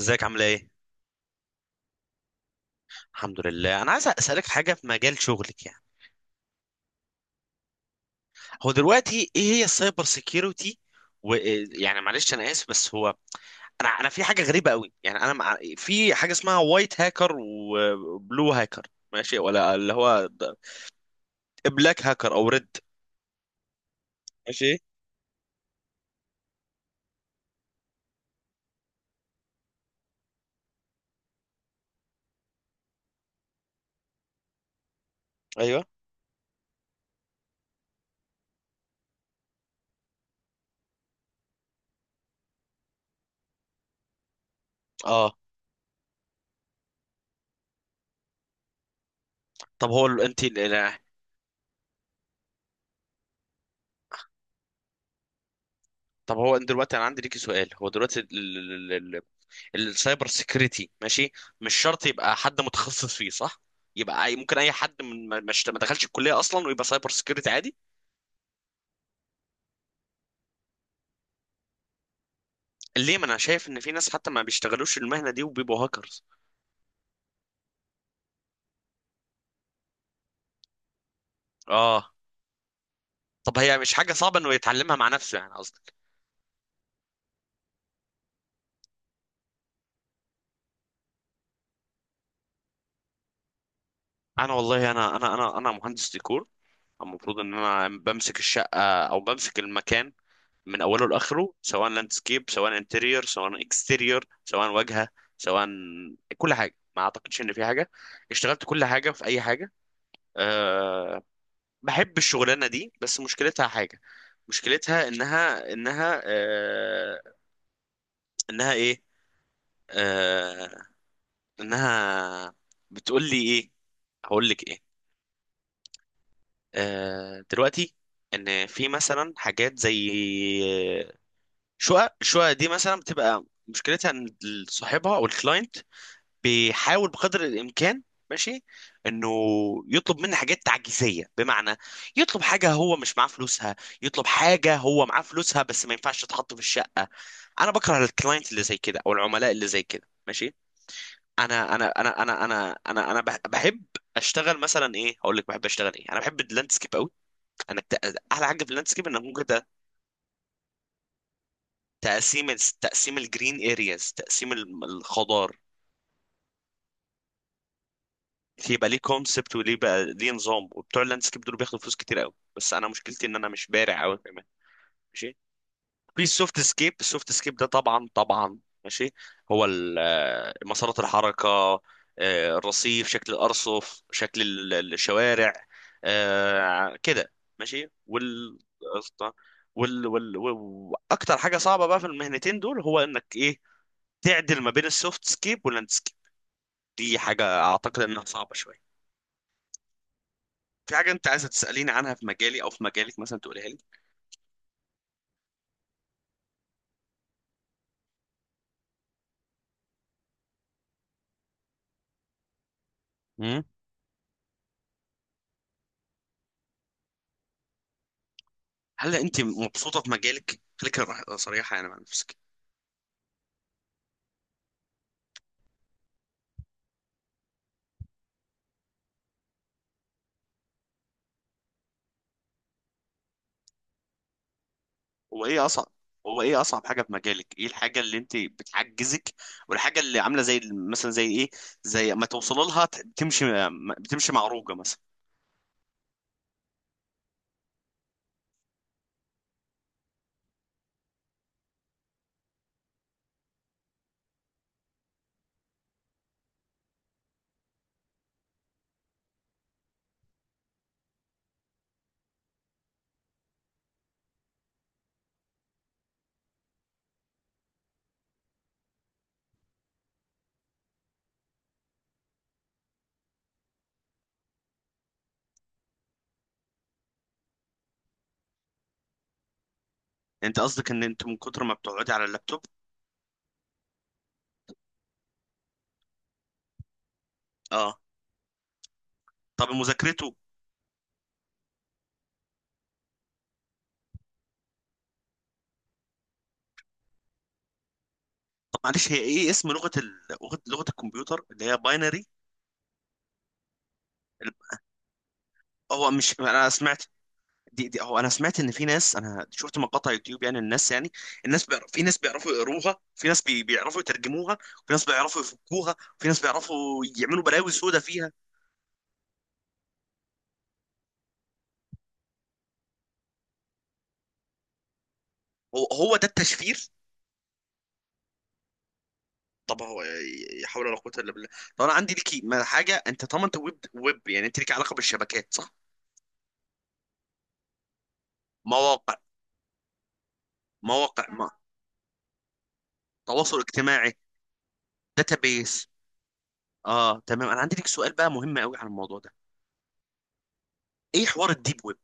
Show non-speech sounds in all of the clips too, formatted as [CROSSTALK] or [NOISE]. ازيك؟ عامله ايه؟ الحمد لله. انا عايز اسالك في حاجه في مجال شغلك يعني. هو دلوقتي ايه هي السايبر سيكيورتي؟ ويعني معلش انا اسف بس هو انا في حاجه غريبه قوي يعني انا مع... في حاجه اسمها وايت هاكر وبلو هاكر، ماشي؟ ولا اللي هو بلاك هاكر او ريد؟ ماشي. ايوه. اه. طب هو طب هو انت دلوقتي، انا عندي ليكي سؤال، هو دلوقتي السايبر سيكريتي، ماشي، مش شرط يبقى حد متخصص فيه، صح؟ يبقى ممكن اي حد من ما ما اشت- ما دخلش الكليه اصلا ويبقى سايبر سيكريتي عادي؟ ليه؟ ما انا شايف ان في ناس حتى ما بيشتغلوش المهنه دي وبيبقوا هاكرز. اه. طب هي مش حاجه صعبه انه يتعلمها مع نفسه يعني قصدك؟ انا والله انا مهندس ديكور. المفروض ان انا بمسك الشقه او بمسك المكان من اوله لاخره، سواء لاندسكيب، سواء انتريور، سواء اكستيريور، سواء واجهه، سواء كل حاجه. ما اعتقدش ان في حاجه اشتغلت كل حاجه في اي حاجه. أه، بحب الشغلانة دي بس مشكلتها حاجة. مشكلتها انها انها ايه أه انها بتقول لي ايه؟ هقول لك ايه؟ دلوقتي ان في مثلا حاجات زي شقق. الشقق دي مثلا بتبقى مشكلتها ان صاحبها او الكلاينت بيحاول بقدر الامكان، ماشي، انه يطلب مني حاجات تعجيزيه، بمعنى يطلب حاجه هو مش معاه فلوسها، يطلب حاجه هو معاه فلوسها بس ما ينفعش تتحط في الشقه. انا بكره الكلاينت اللي زي كده او العملاء اللي زي كده، ماشي. انا بحب اشتغل مثلا ايه؟ هقول لك بحب اشتغل ايه، انا بحب اللاندسكيب قوي. انا احلى حاجه في اللاندسكيب انك ممكن تقسيم، تقسيم الجرين ارياز، تقسيم الخضار. يبقى ليه كونسبت وليه بقى ليه نظام، وبتوع اللاندسكيب دول بياخدوا فلوس كتير قوي. بس انا مشكلتي ان انا مش بارع قوي كمان، ماشي، في السوفت سكيب. السوفت سكيب ده طبعا طبعا، ماشي، هو آه، مسارات الحركه، آه، الرصيف، شكل الارصف، شكل الشوارع، آه، كده، ماشي. وال وال وال واكتر حاجه صعبه بقى في المهنتين دول هو انك ايه تعدل ما بين السوفت سكيب واللاندسكيب. دي حاجه اعتقد انها صعبه شويه. في حاجة أنت عايزة تسأليني عنها في مجالي أو في مجالك مثلا تقوليها لي؟ مم؟ هل أنت مبسوطة في مجالك؟ خليك صريحة يعني مع نفسك. هو إيه أصعب؟ هو إيه أصعب حاجة في مجالك؟ إيه الحاجة اللي أنت بتحجزك والحاجة اللي عاملة زي مثلا زي إيه؟ زي ما توصل لها بتمشي، بتمشي معروجة مثلا. أنت قصدك إن أنت من كتر ما بتقعدي على اللابتوب؟ أه. طب مذاكرته؟ طب معلش، هي إيه اسم لغة ال... لغة الكمبيوتر اللي هي باينري؟ هو مش أنا سمعت... دي هو انا سمعت ان في ناس، انا شفت مقاطع يوتيوب يعني، الناس يعني الناس بيعرف، في ناس بيعرفوا يقروها، في ناس بيعرفوا يترجموها، في ناس بيعرفوا يفكوها، في ناس بيعرفوا يعملوا بلاوي سودا فيها. هو ده التشفير؟ طب هو لا حول ولا قوة الا بالله. طب انا عندي ليكي حاجة، انت طبعا انت ويب يعني انت ليكي علاقة بالشبكات، صح؟ مواقع، مواقع ما تواصل اجتماعي. داتابيس. اه تمام. انا عندي ليك سؤال بقى مهم قوي عن الموضوع ده. ايه حوار الديب ويب؟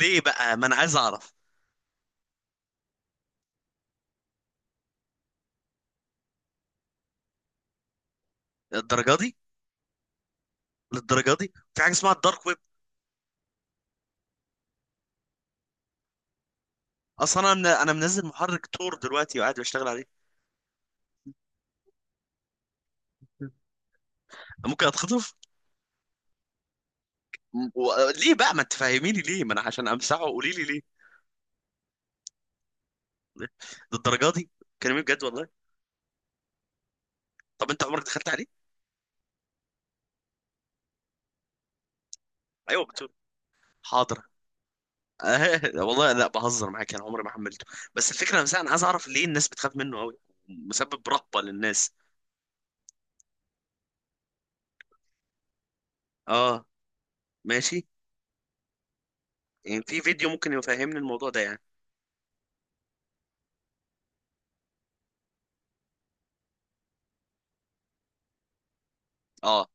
ليه بقى؟ ما انا عايز اعرف. الدرجة دي؟ للدرجه دي؟ في حاجه اسمها الدارك ويب اصلا. انا من... انا منزل محرك تور دلوقتي وقاعد بشتغل عليه. ممكن اتخطف؟ م- و... ليه بقى؟ ما تفهميني ليه! ما انا عشان امسحه قولي لي ليه. للدرجه دي؟ كلامي بجد والله. طب انت عمرك دخلت عليه؟ ايوه بتقول. حاضر. [LAUGHS] آه، والله لا، بهزر معاك. انا عمري ما حملته، بس الفكره نفسها انا عايز اعرف ليه الناس بتخاف منه قوي. مسبب رهبه للناس. اه. ماشي. يعني في فيديو ممكن يفهمني الموضوع ده يعني؟ اه.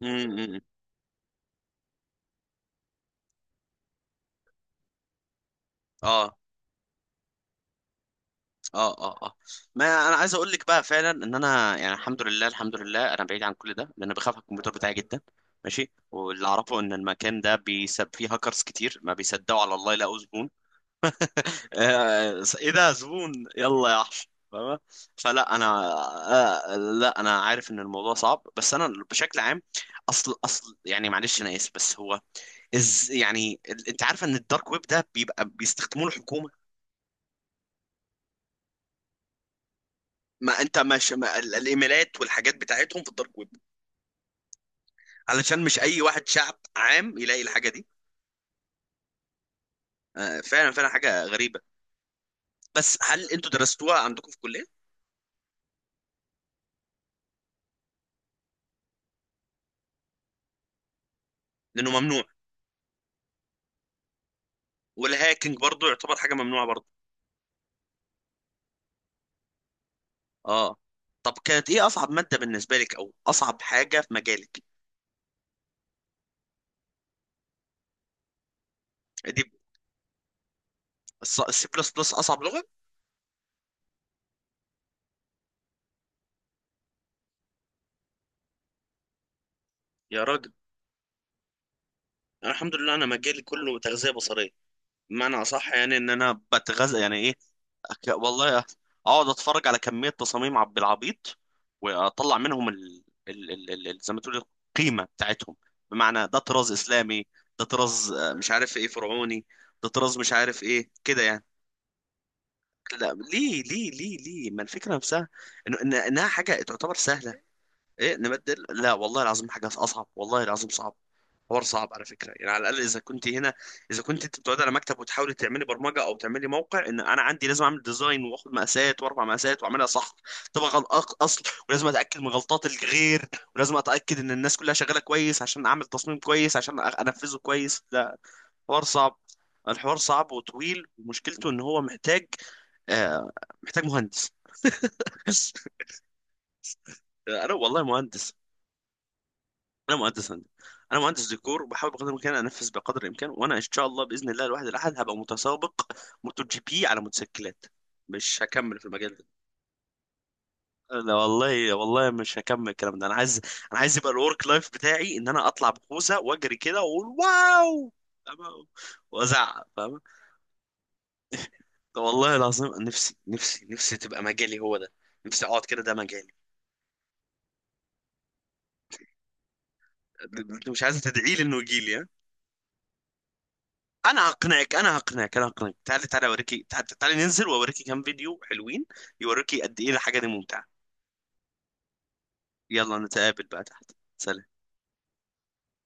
م -م -م. اه اه اه. اه، ما انا عايز اقول لك بقى فعلا ان انا يعني، الحمد لله الحمد لله انا بعيد عن كل ده، لان بخاف على الكمبيوتر بتاعي جدا، ماشي. واللي اعرفه ان المكان ده بيسب فيه هاكرز كتير ما بيصدقوا على الله يلاقوا زبون. آه، ايه ده؟ زبون! يلا يا وحش، فاهمة؟ فلا انا... آه، لا، انا عارف ان الموضوع صعب بس انا بشكل عام. اصل يعني معلش انا اسف بس هو يعني انت عارفه ان الدارك ويب ده بيبقى بيستخدموه الحكومه؟ ما انت مش، ما ال- الايميلات والحاجات بتاعتهم في الدارك ويب علشان مش اي واحد شعب عام يلاقي الحاجه دي. آه، فعلا فعلا، حاجه غريبه. بس هل انتوا درستوها عندكم في الكليه؟ لانه ممنوع؟ والهاكينج برضو يعتبر حاجه ممنوعه برضو؟ اه. طب كانت ايه اصعب ماده بالنسبه لك او اصعب حاجه في مجالك؟ دي؟ السي بلس بلس اصعب لغه. يا راجل. انا الحمد لله انا مجالي كله تغذيه بصريه، بمعنى اصح يعني ان انا بتغذى يعني ايه والله اقعد اتفرج على كميه تصاميم عب العبيط واطلع منهم زي ما تقول القيمه بتاعتهم. بمعنى ده طراز اسلامي، ده طراز آه، مش عارف ايه فرعوني، ده طراز مش عارف ايه كده يعني. لا ليه ليه ليه ليه، ما الفكره نفسها انها حاجه تعتبر سهله. ايه نبدل؟ لا والله العظيم حاجه اصعب، والله العظيم صعب. حوار صعب على فكره يعني. على الاقل اذا كنت هنا، اذا كنت انت بتقعد على مكتب وتحاولي تعملي برمجه او تعملي موقع، ان انا عندي لازم اعمل ديزاين واخد مقاسات واربع مقاسات واعملها صح. طبقا غل- اصل ولازم اتاكد من غلطات الغير، ولازم اتاكد ان الناس كلها شغاله كويس عشان اعمل تصميم كويس عشان انفذه كويس. لا، حوار صعب. الحوار صعب وطويل ومشكلته ان هو محتاج، آه، محتاج مهندس. [LAUGHS] انا والله مهندس. انا مهندس هندسه، انا مهندس ديكور وبحاول بقدر الامكان انفذ بقدر الامكان. وانا ان شاء الله باذن الله الواحد الاحد هبقى متسابق MotoGP على موتوسيكلات. مش هكمل في المجال ده، لا والله والله مش هكمل الكلام ده. انا عايز يبقى الورك لايف بتاعي ان انا اطلع بخوذه واجري كده واقول واو، فاهمة؟ وازعق، فاهم؟ والله العظيم نفسي نفسي نفسي تبقى مجالي هو ده، نفسي اقعد كده، ده مجالي. مش عايز تدعي لي انه يجي لي؟ انا هقنعك، تعالي تعالي اوريكي، تعالي, تعالي ننزل واوريكي كام فيديو حلوين، يوريكي قد ايه الحاجه دي ممتعه. يلا نتقابل بقى تحت. سلام.